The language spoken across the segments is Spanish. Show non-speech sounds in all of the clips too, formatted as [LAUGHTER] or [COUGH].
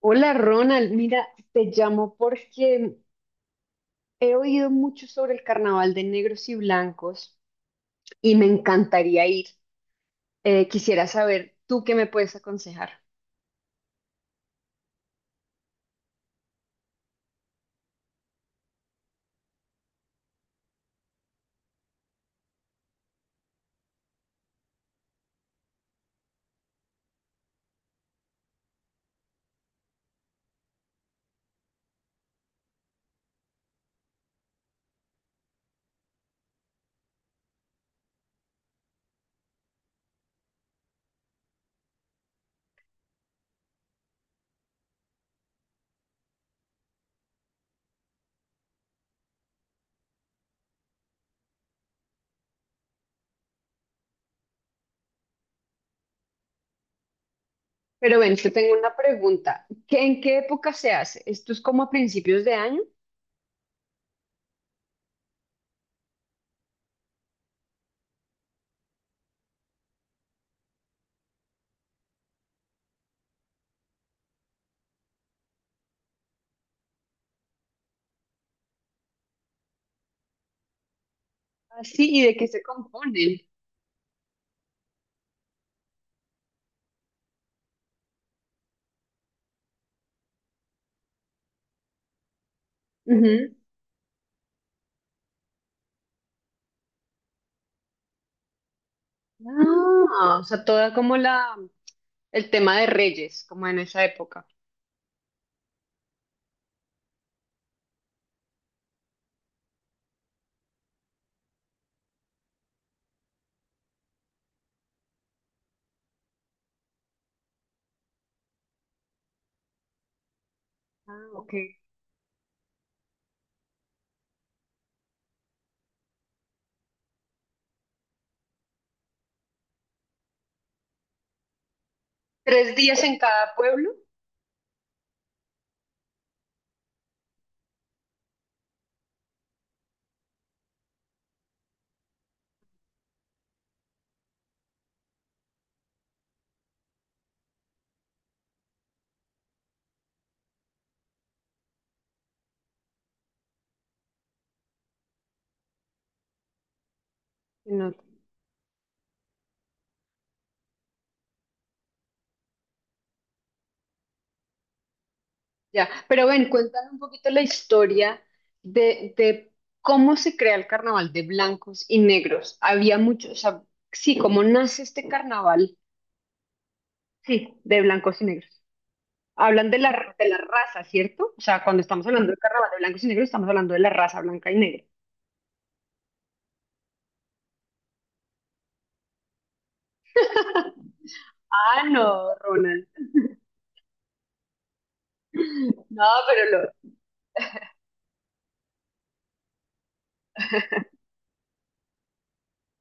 Hola Ronald, mira, te llamo porque he oído mucho sobre el carnaval de negros y blancos y me encantaría ir. Quisiera saber tú qué me puedes aconsejar. Pero ven, te tengo una pregunta. ¿ En qué época se hace? ¿Esto es como a principios de año? Ah, sí. ¿Y de qué se componen? Ujú. Ah, o sea, toda como la, el tema de reyes, como en esa época. Ah, ok. ¿Tres días en cada pueblo? Ya, pero ven, cuéntame un poquito la historia de cómo se crea el carnaval de blancos y negros. Había muchos, o sea, sí, cómo nace este carnaval, sí, de blancos y negros. Hablan de la raza, ¿cierto? O sea, cuando estamos hablando del carnaval de blancos y negros, estamos hablando de la raza blanca y negra. [LAUGHS] Ah, no, Ronald. No, pero lo,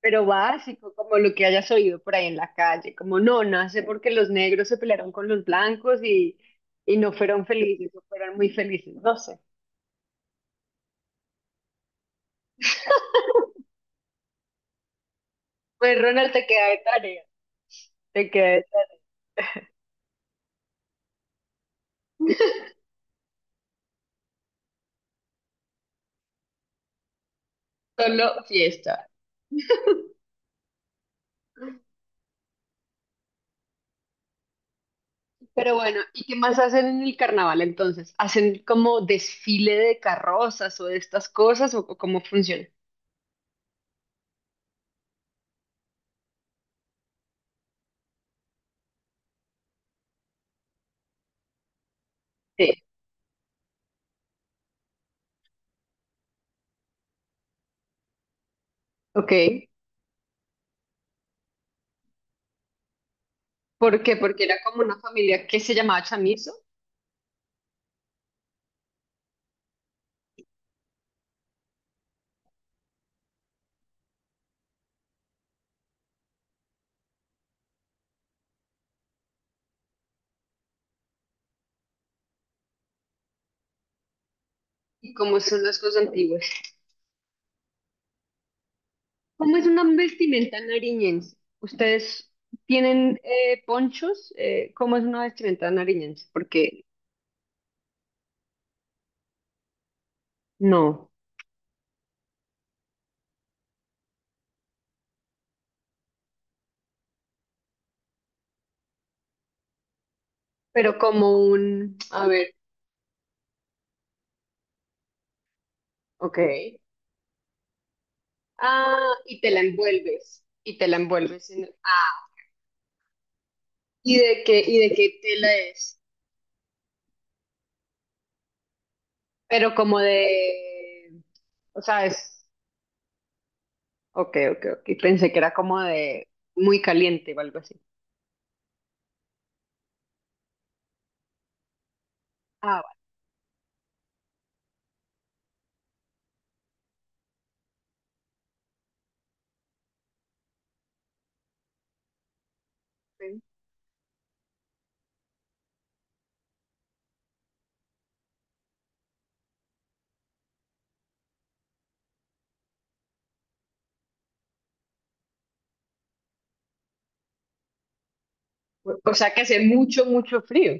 pero básico, como lo que hayas oído por ahí en la calle, como no, nace porque los negros se pelearon con los blancos y no fueron felices, o fueron muy felices, no sé. Pues Ronald, te queda de tarea, te queda de tarea. Solo fiesta. Pero bueno, ¿y qué más hacen en el carnaval entonces? ¿Hacen como desfile de carrozas o de estas cosas, o cómo funciona? Sí, ok. ¿Por qué? ¿Porque era como una familia que se llamaba Chamizo y como son las cosas antiguas? ¿Cómo es una vestimenta nariñense? ¿Ustedes tienen ponchos? ¿Cómo es una vestimenta nariñense? Porque no, pero como un... A ver, ok. Ah, y te la envuelves, y te la envuelves. Y de qué tela es? Pero como de... O sea, es... Ok, ok, ok. Pensé que era como de muy caliente o algo así. Ah, vale. O sea, que hace mucho, mucho frío.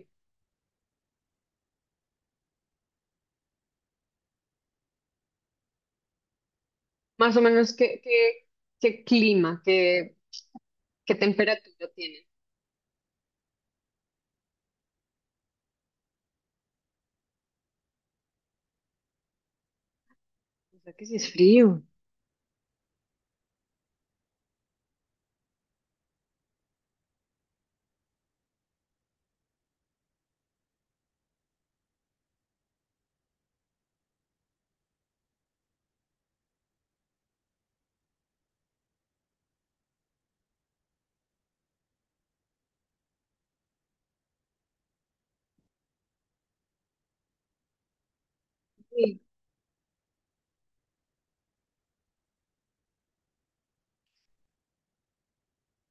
Más o menos, ¿ qué clima, qué temperatura tiene? O sea, que sí es frío. Sí,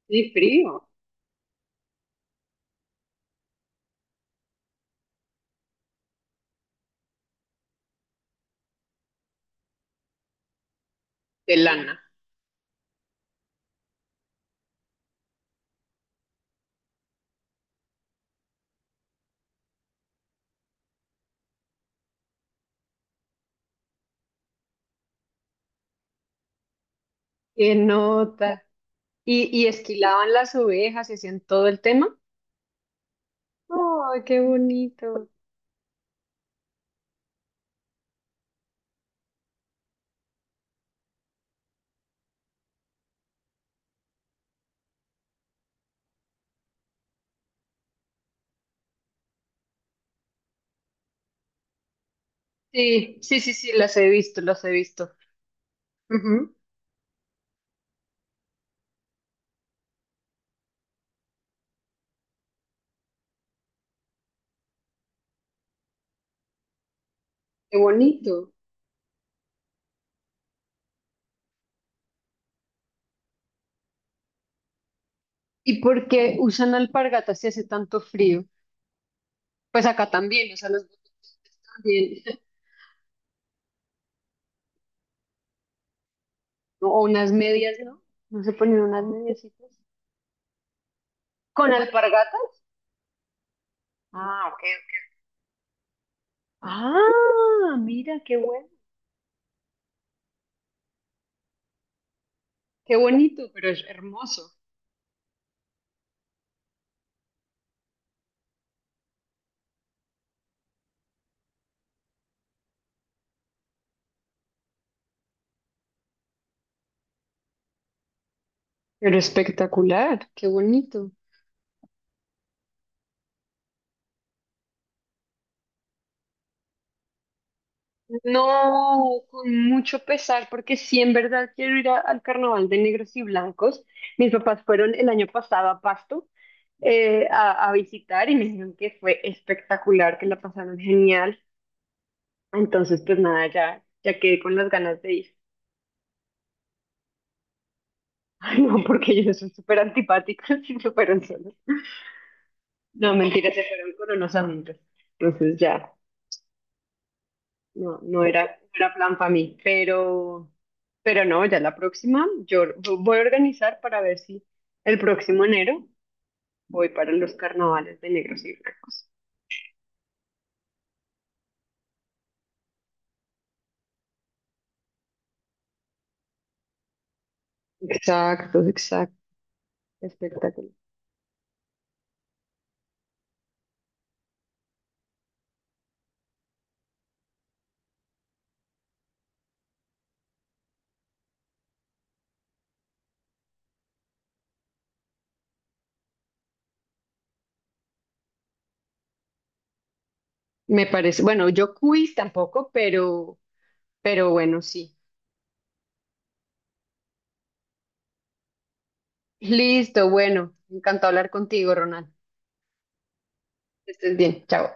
sí, frío. De lana. Qué nota. ¿Y y esquilaban las ovejas y hacían todo el tema? ¡Ay, qué bonito! Sí, sí, sí, sí, las he visto, las he visto. Ujú. Qué bonito. ¿Y por qué usan alpargatas si hace tanto frío? Pues acá también, o sea, los botones también. [LAUGHS] ¿O unas medias, no? No se ponen unas medias. Con alpargatas. Ah, ok. Ok. Ah, mira, qué bueno. Qué bonito, pero es hermoso. Pero espectacular, qué bonito. No, con mucho pesar, porque sí, en verdad quiero ir al carnaval de negros y blancos. Mis papás fueron el año pasado a Pasto, a visitar, y me dijeron que fue espectacular, que la pasaron genial. Entonces, pues nada, ya, ya quedé con las ganas de ir. [LAUGHS] Ay, no, porque ellos son súper antipáticos y súper [LAUGHS] solos. No, mentira, se fueron con unos amigos. Entonces ya, no, no era, no era plan para mí, pero no, ya la próxima, voy a organizar para ver si el próximo enero voy para los carnavales de negros y blancos. Exacto, exacto, espectacular. Me parece, bueno, yo quiz tampoco, pero bueno, sí. Listo, bueno, encantado hablar contigo, Ronald. Que estés bien, chao.